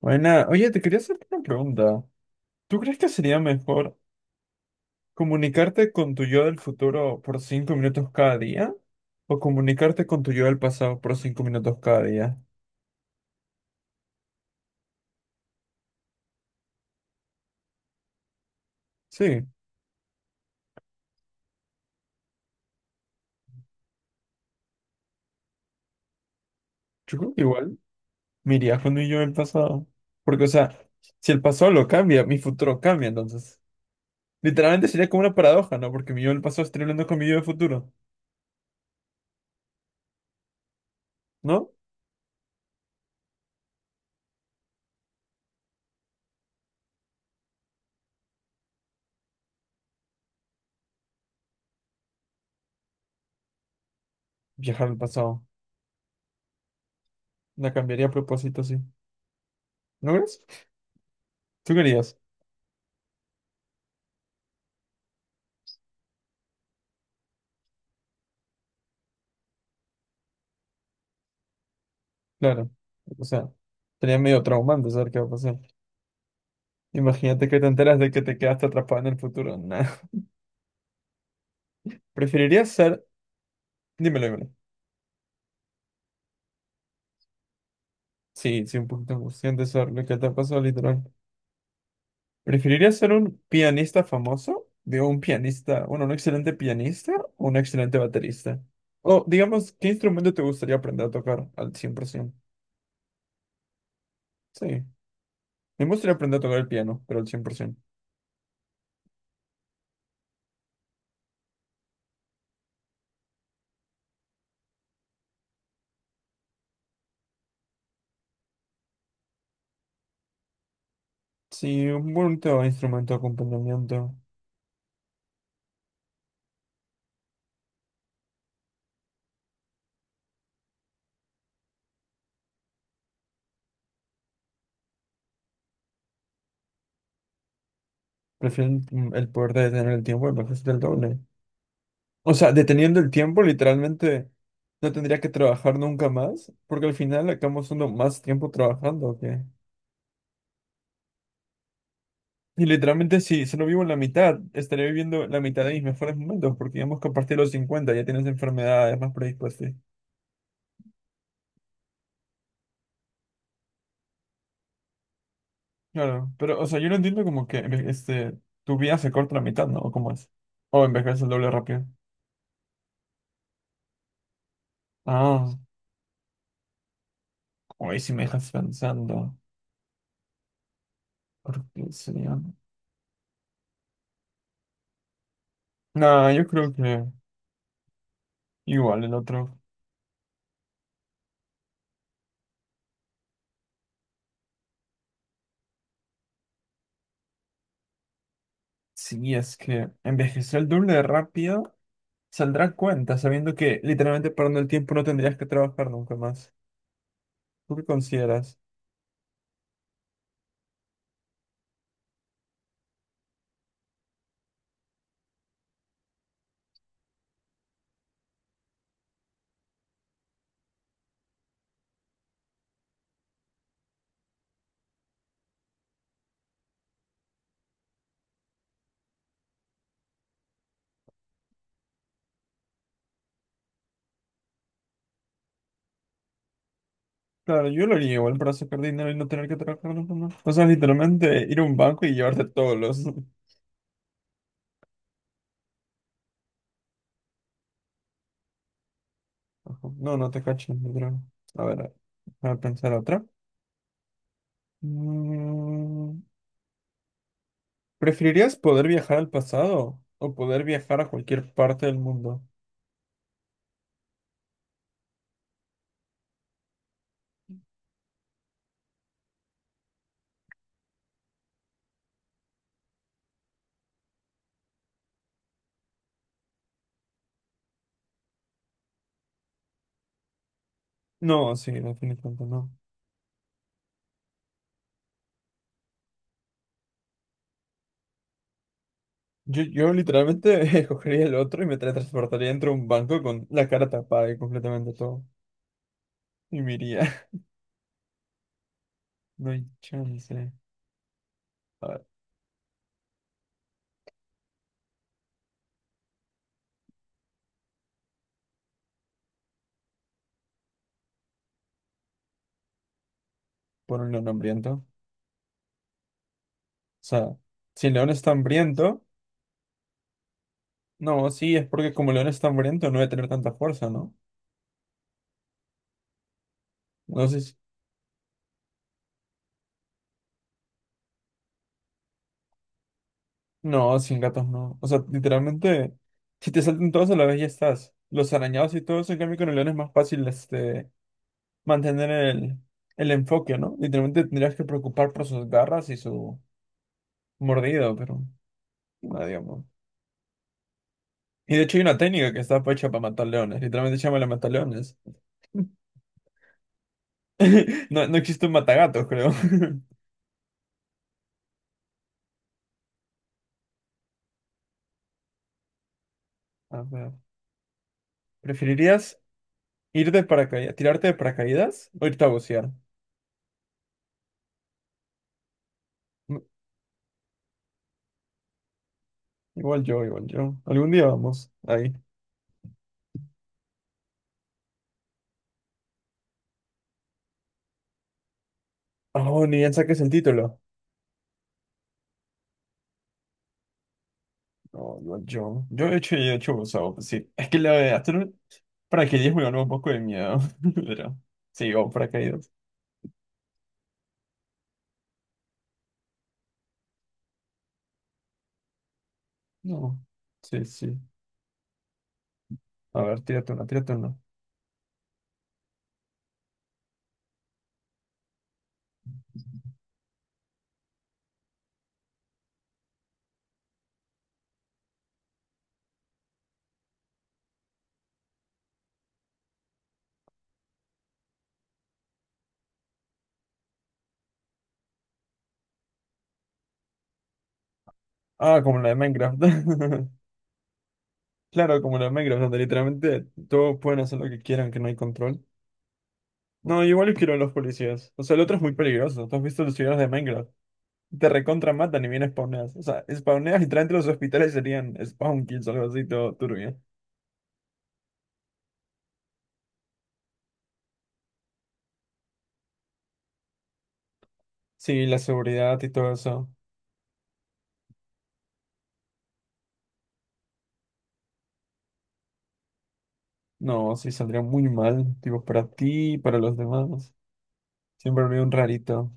Buena, oye, te quería hacer una pregunta. ¿Tú crees que sería mejor comunicarte con tu yo del futuro por 5 minutos cada día? ¿O comunicarte con tu yo del pasado por 5 minutos cada día? Sí, yo creo que igual me iría con mi yo del pasado. Porque, o sea, si el pasado lo cambia, mi futuro cambia, entonces. Literalmente sería como una paradoja, ¿no? Porque mi yo del pasado estaría hablando con mi yo del futuro, ¿no? Viajar al pasado. La cambiaría a propósito, sí. ¿No crees? ¿Tú querías? Claro. O sea, sería medio traumante saber qué va a pasar. Imagínate que te enteras de que te quedaste atrapado en el futuro. Nah. ¿Preferirías ser... dímelo, dímelo. Sí, sí, un poquito angustiante saber lo que te pasó, literal. ¿Preferirías ser un pianista famoso? Digo, un pianista, bueno, un excelente pianista o un excelente baterista. O, digamos, ¿qué instrumento te gustaría aprender a tocar al 100%? Sí. Me gustaría aprender a tocar el piano, pero al 100%. Sí, un bonito instrumento de acompañamiento. Prefiero el poder de tener el tiempo, me parece el doble. O sea, deteniendo el tiempo, literalmente no tendría que trabajar nunca más, porque al final acabamos dando más tiempo trabajando, ¿o qué? Y literalmente si solo vivo en la mitad, estaría viviendo la mitad de mis mejores momentos, porque digamos que a partir de los 50 ya tienes enfermedades más predispuestas. Claro, pero o sea, yo no entiendo como que tu vida se corta la mitad, ¿no? ¿O cómo es? O envejeces el doble rápido. Ah, Hoy sí me dejas pensando. ¿Por qué sería? No, yo creo que igual el otro. Sí, es que envejecer el doble de rápido saldrá cuenta, sabiendo que literalmente perdiendo el tiempo no tendrías que trabajar nunca más. ¿Tú qué consideras? Claro, yo lo haría igual para sacar dinero y no tener que trabajar nunca más. O sea, literalmente ir a un banco y llevarte todos los... Ajá. No, no te cacho, literal. A ver, a pensar otra. Mm, ¿Preferirías poder viajar al pasado o poder viajar a cualquier parte del mundo? No, sí, definitivamente no. Yo literalmente escogería el otro y me teletransportaría dentro de un banco con la cara tapada y completamente todo. Y me iría. No hay chance. A ver, por un león hambriento. O sea, si el león está hambriento, no, sí, es porque como el león está hambriento no debe tener tanta fuerza, ¿no? No sé si... no, sin gatos no. O sea, literalmente, si te saltan todos a la vez ya estás. Los arañados y todo eso, en cambio con el león es más fácil este, mantener el enfoque, ¿no? Literalmente tendrías que preocupar por sus garras y su mordido, pero. No, digamos. Y de hecho hay una técnica que está hecha para matar leones. Literalmente se llama la mataleones. No, no existe un matagatos, creo. A ver. ¿Preferirías ir de paracaídas, tirarte de paracaídas o irte a bucear? Mm, Igual yo, igual yo. Algún día vamos. Ahí. Oh, ni bien saques el título. No, igual yo. Yo he hecho buceo. Pues sí. Es que la de hacer un paracaidismo me ganó un poco de miedo. Pero. Sí, o paracaídas. No. Sí, sí. A ver, tírate una, tírate una. Ah, como la de Minecraft. Claro, como los Minecraft, donde literalmente todos pueden hacer lo que quieran, que no hay control. No, igual yo quiero a los policías. O sea, el otro es muy peligroso. ¿Tú has visto los videos de Minecraft? Te recontra matan y bien spawneas. O sea, spawneas y traen los hospitales serían spawn kills o algo así, todo turbio. Sí, la seguridad y todo eso. No, sí, saldría muy mal. Tipo, para ti y para los demás. Siempre habría un rarito.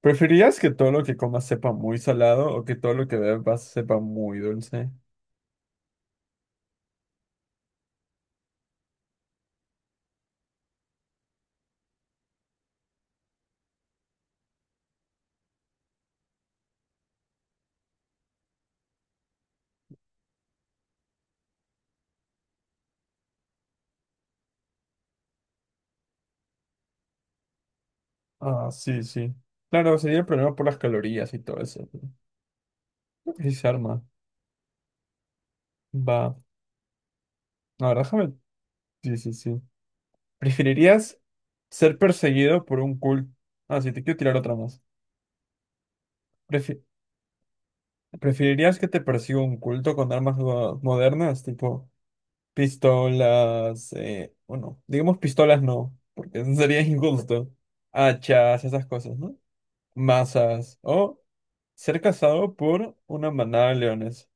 ¿Preferirías que todo lo que comas sepa muy salado o que todo lo que bebas sepa muy dulce? Ah, sí, sí. Claro, sería el problema por las calorías y todo eso, ¿no? Creo que sí se arma. Va. No, ahora déjame. Sí, sí, sí. ¿Preferirías ser perseguido por un culto? Ah, sí, te quiero tirar otra más. Prefi- ¿Preferirías que te persiga un culto con armas modernas, tipo pistolas? Bueno, digamos pistolas no, porque eso sería injusto. Hachas, esas cosas, ¿no? Masas. O ser cazado por una manada de leones.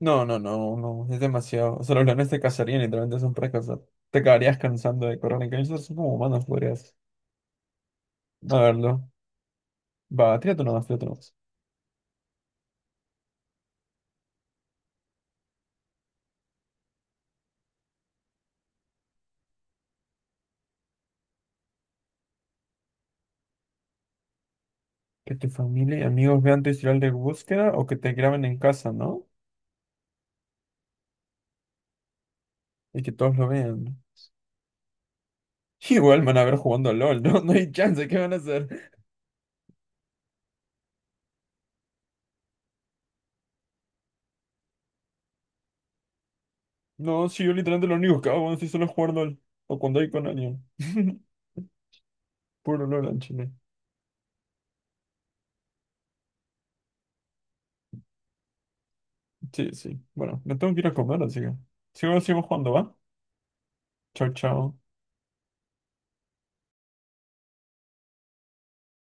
No, no, no, no, es demasiado. O sea, los leones te cazarían, literalmente son para cazar. Te acabarías cansando de correr en camisas, son como humanos, podrías. A verlo. Va, tírate nomás, tírate nomás. Que tu familia y amigos vean tu historial de búsqueda o que te graben en casa, ¿no? Y que todos lo vean. Igual me van a ver jugando a LOL, ¿no? No hay chance, ¿qué van a hacer? No, si yo literalmente lo único que hago, si solo es jugar LOL. O cuando hay con alguien. Puro LOL en Chile. Sí, sí. Bueno, me tengo que ir a comer, así que. Sigo, sigo jugando, ¿va? Chao, chao.